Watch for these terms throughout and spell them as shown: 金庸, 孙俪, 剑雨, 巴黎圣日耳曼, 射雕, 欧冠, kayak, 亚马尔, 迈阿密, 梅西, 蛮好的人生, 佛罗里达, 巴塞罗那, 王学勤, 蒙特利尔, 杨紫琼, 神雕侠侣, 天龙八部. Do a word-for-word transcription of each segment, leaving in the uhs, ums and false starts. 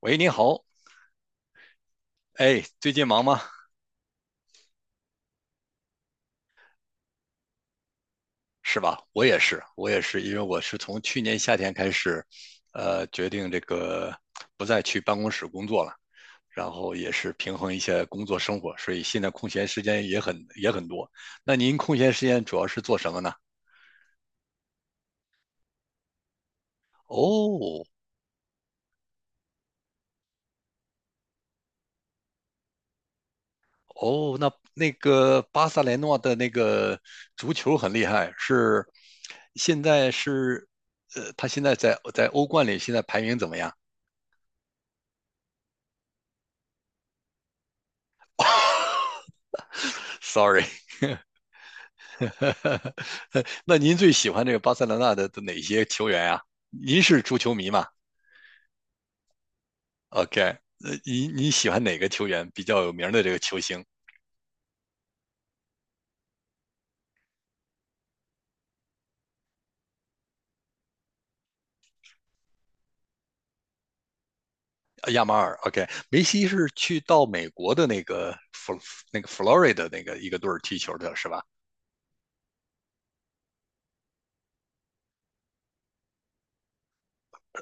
喂，您好，哎，最近忙吗？是吧？我也是，我也是，因为我是从去年夏天开始，呃，决定这个不再去办公室工作了，然后也是平衡一些工作生活，所以现在空闲时间也很也很多。那您空闲时间主要是做什么呢？哦哦，那那个巴塞雷诺的那个足球很厉害，是现在是，呃，他现在在在欧冠里现在排名怎么样 ？Sorry，那您最喜欢这个巴塞罗那的的哪些球员啊？您是足球迷嘛？OK，呃，您你喜欢哪个球员比较有名的这个球星？呃亚马尔，OK，梅西是去到美国的那个佛那个 Florida 那个一个队儿踢球的是吧？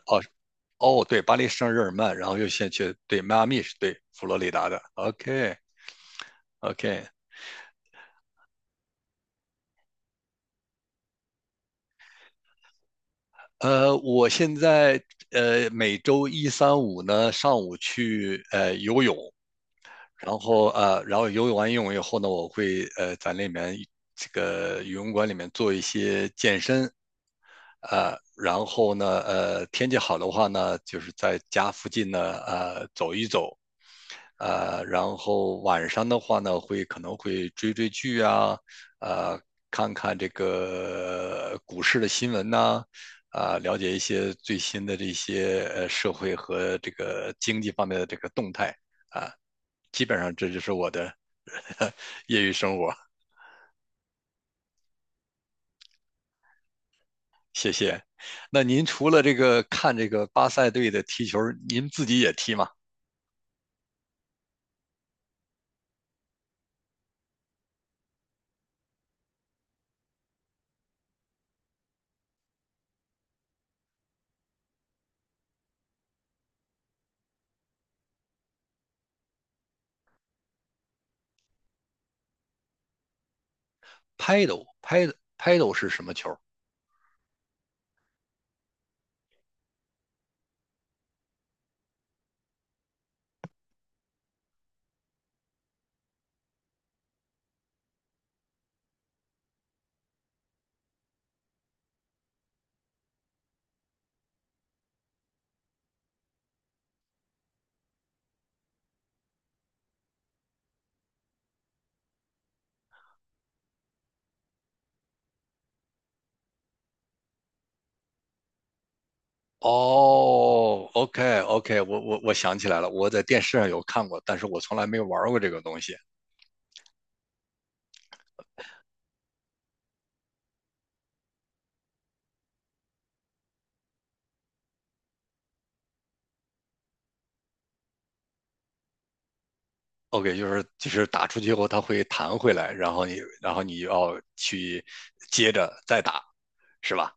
哦哦，对，巴黎圣日耳曼，然后又先去对迈阿密是对佛罗里达的，OK OK，呃，我现在呃每周一、三、五呢上午去呃游泳，然后呃，然后游泳完游泳以后呢，我会呃在里面这个游泳馆里面做一些健身，呃，然后呢，呃，天气好的话呢，就是在家附近呢，呃，走一走，呃，然后晚上的话呢，会可能会追追剧啊，呃，看看这个股市的新闻呐、啊，了解一些最新的这些呃社会和这个经济方面的这个动态啊，基本上这就是我的业余生活，谢谢。那您除了这个看这个巴塞队的踢球，您自己也踢吗？Paddle，Paddle，Paddle 是什么球？哦，OK，OK，我我我想起来了，我在电视上有看过，但是我从来没有玩过这个东西。OK，就是就是打出去后它会弹回来，然后你然后你要去接着再打，是吧？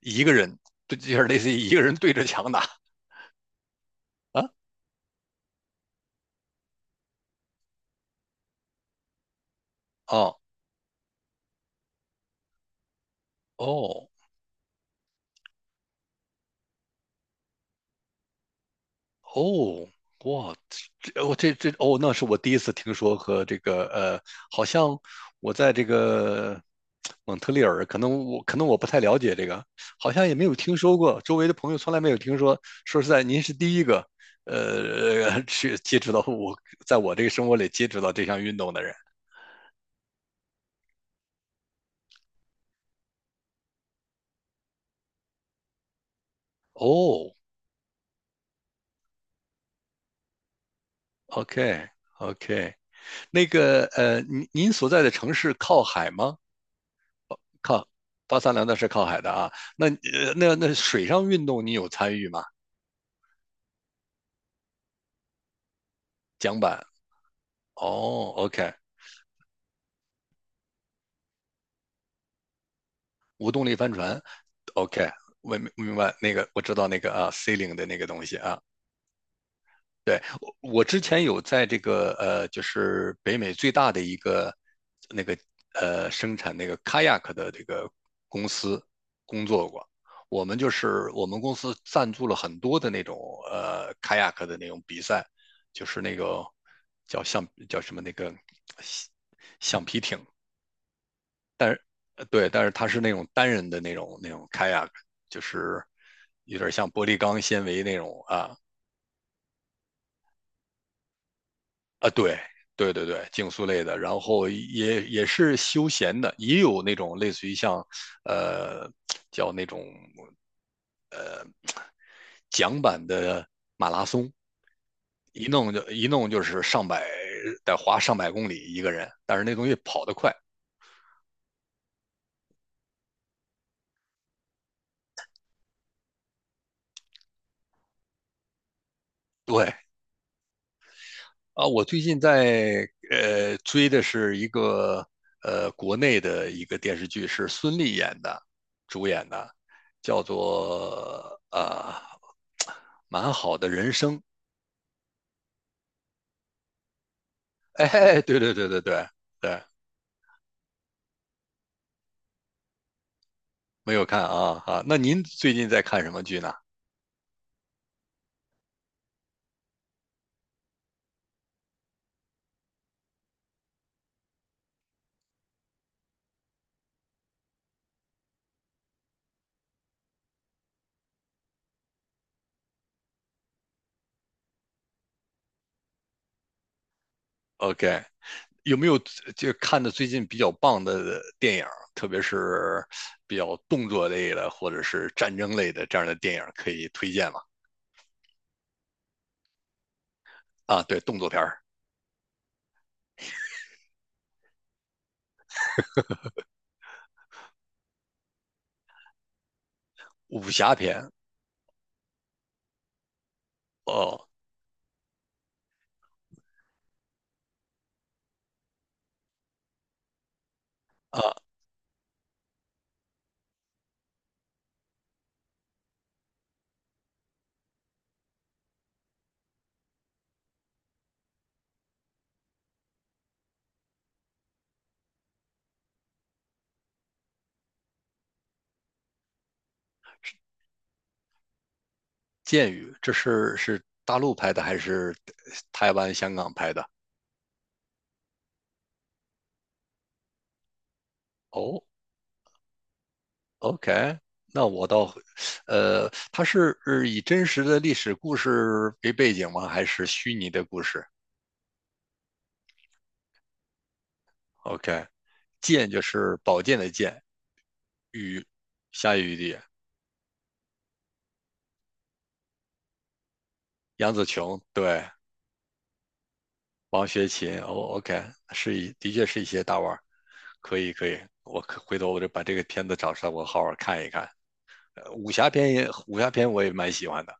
一个人对，就是类似于一个人对着墙打啊？哦哦哦，哇，这我这这哦，那是我第一次听说和这个呃，好像我在这个蒙特利尔，可能我可能我不太了解这个，好像也没有听说过，周围的朋友从来没有听说。说实在，您是第一个呃去接触到我，在我这个生活里接触到这项运动的人。哦，OK OK，那个呃，您您所在的城市靠海吗？靠八三两那是靠海的啊。那呃那那水上运动你有参与吗？桨板哦，OK，无动力帆船，OK，我明明白那个，我知道那个啊，C 零的那个东西啊。对，我我之前有在这个呃，就是北美最大的一个那个呃生产那个 kayak 的这个公司工作过。我们就是我们公司赞助了很多的那种呃 kayak 的那种比赛，就是那个叫橡叫什么那个橡橡皮艇，但是呃对，但是它是那种单人的那种那种 kayak，就是有点像玻璃钢纤维那种啊，啊，对对对对，竞速类的，然后也也是休闲的，也有那种类似于像，呃，叫那种桨板的马拉松，一弄就一弄就是上百，得花上百公里一个人，但是那东西跑得快。对啊，我最近在呃追的是一个呃国内的一个电视剧，是孙俪演的，主演的，叫做呃蛮好的人生。哎，对对对对对对，没有看啊啊。那您最近在看什么剧呢？OK，有没有就看的最近比较棒的电影，特别是比较动作类的或者是战争类的这样的电影可以推荐吗？啊，对，动作片儿、武侠片。哦啊，《剑雨》这是是大陆拍的还是台湾、香港拍的？哦 OK，那我倒会，呃，它是呃以真实的历史故事为背景吗？还是虚拟的故事？OK，剑就是宝剑的剑，雨，下雨的雨杨紫琼，对，王学勤。哦，OK，是一，的确是一些大腕儿，可以可以，我可回头我就把这个片子找出来，我好好看一看。呃武侠片也，武侠片我也蛮喜欢的。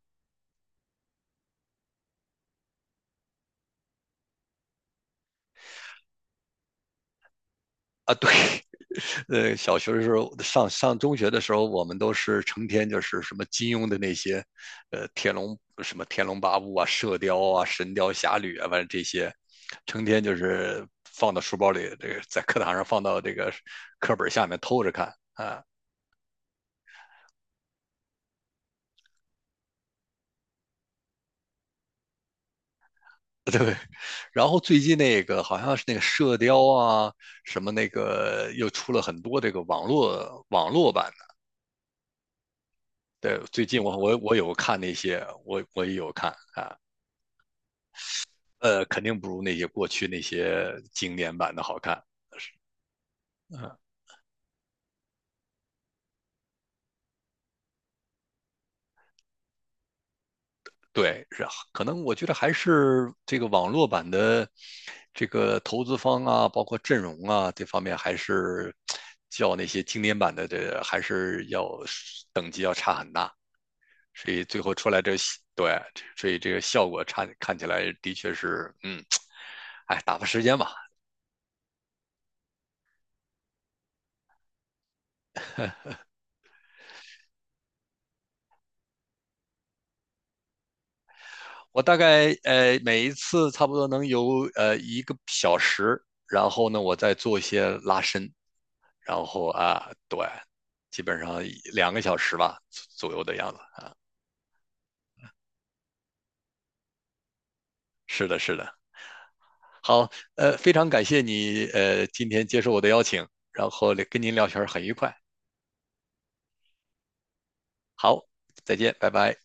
啊，对，呃，小学的时候，上上中学的时候，我们都是成天就是什么金庸的那些，呃，天龙什么天龙八部啊、射雕啊、神雕侠侣啊，反正这些，成天就是放到书包里，这个在课堂上放到这个课本下面偷着看啊，对。然后最近那个好像是那个射雕啊，什么那个又出了很多这个网络网络版的，对，最近我我我有看那些，我我也有看啊。呃，肯定不如那些过去那些经典版的好看。嗯，对，是啊可能我觉得还是这个网络版的这个投资方啊，包括阵容啊这方面，还是较那些经典版的这还是要等级要差很大，所以最后出来这对，所以这个效果差看起来的确是，嗯，哎，打发时间吧，我大概呃每一次差不多能游呃一个小时，然后呢，我再做一些拉伸，然后啊，对，基本上两个小时吧左右的样子。是的，是的。好，呃，非常感谢你呃今天接受我的邀请，然后跟您聊天儿很愉快。好，再见，拜拜。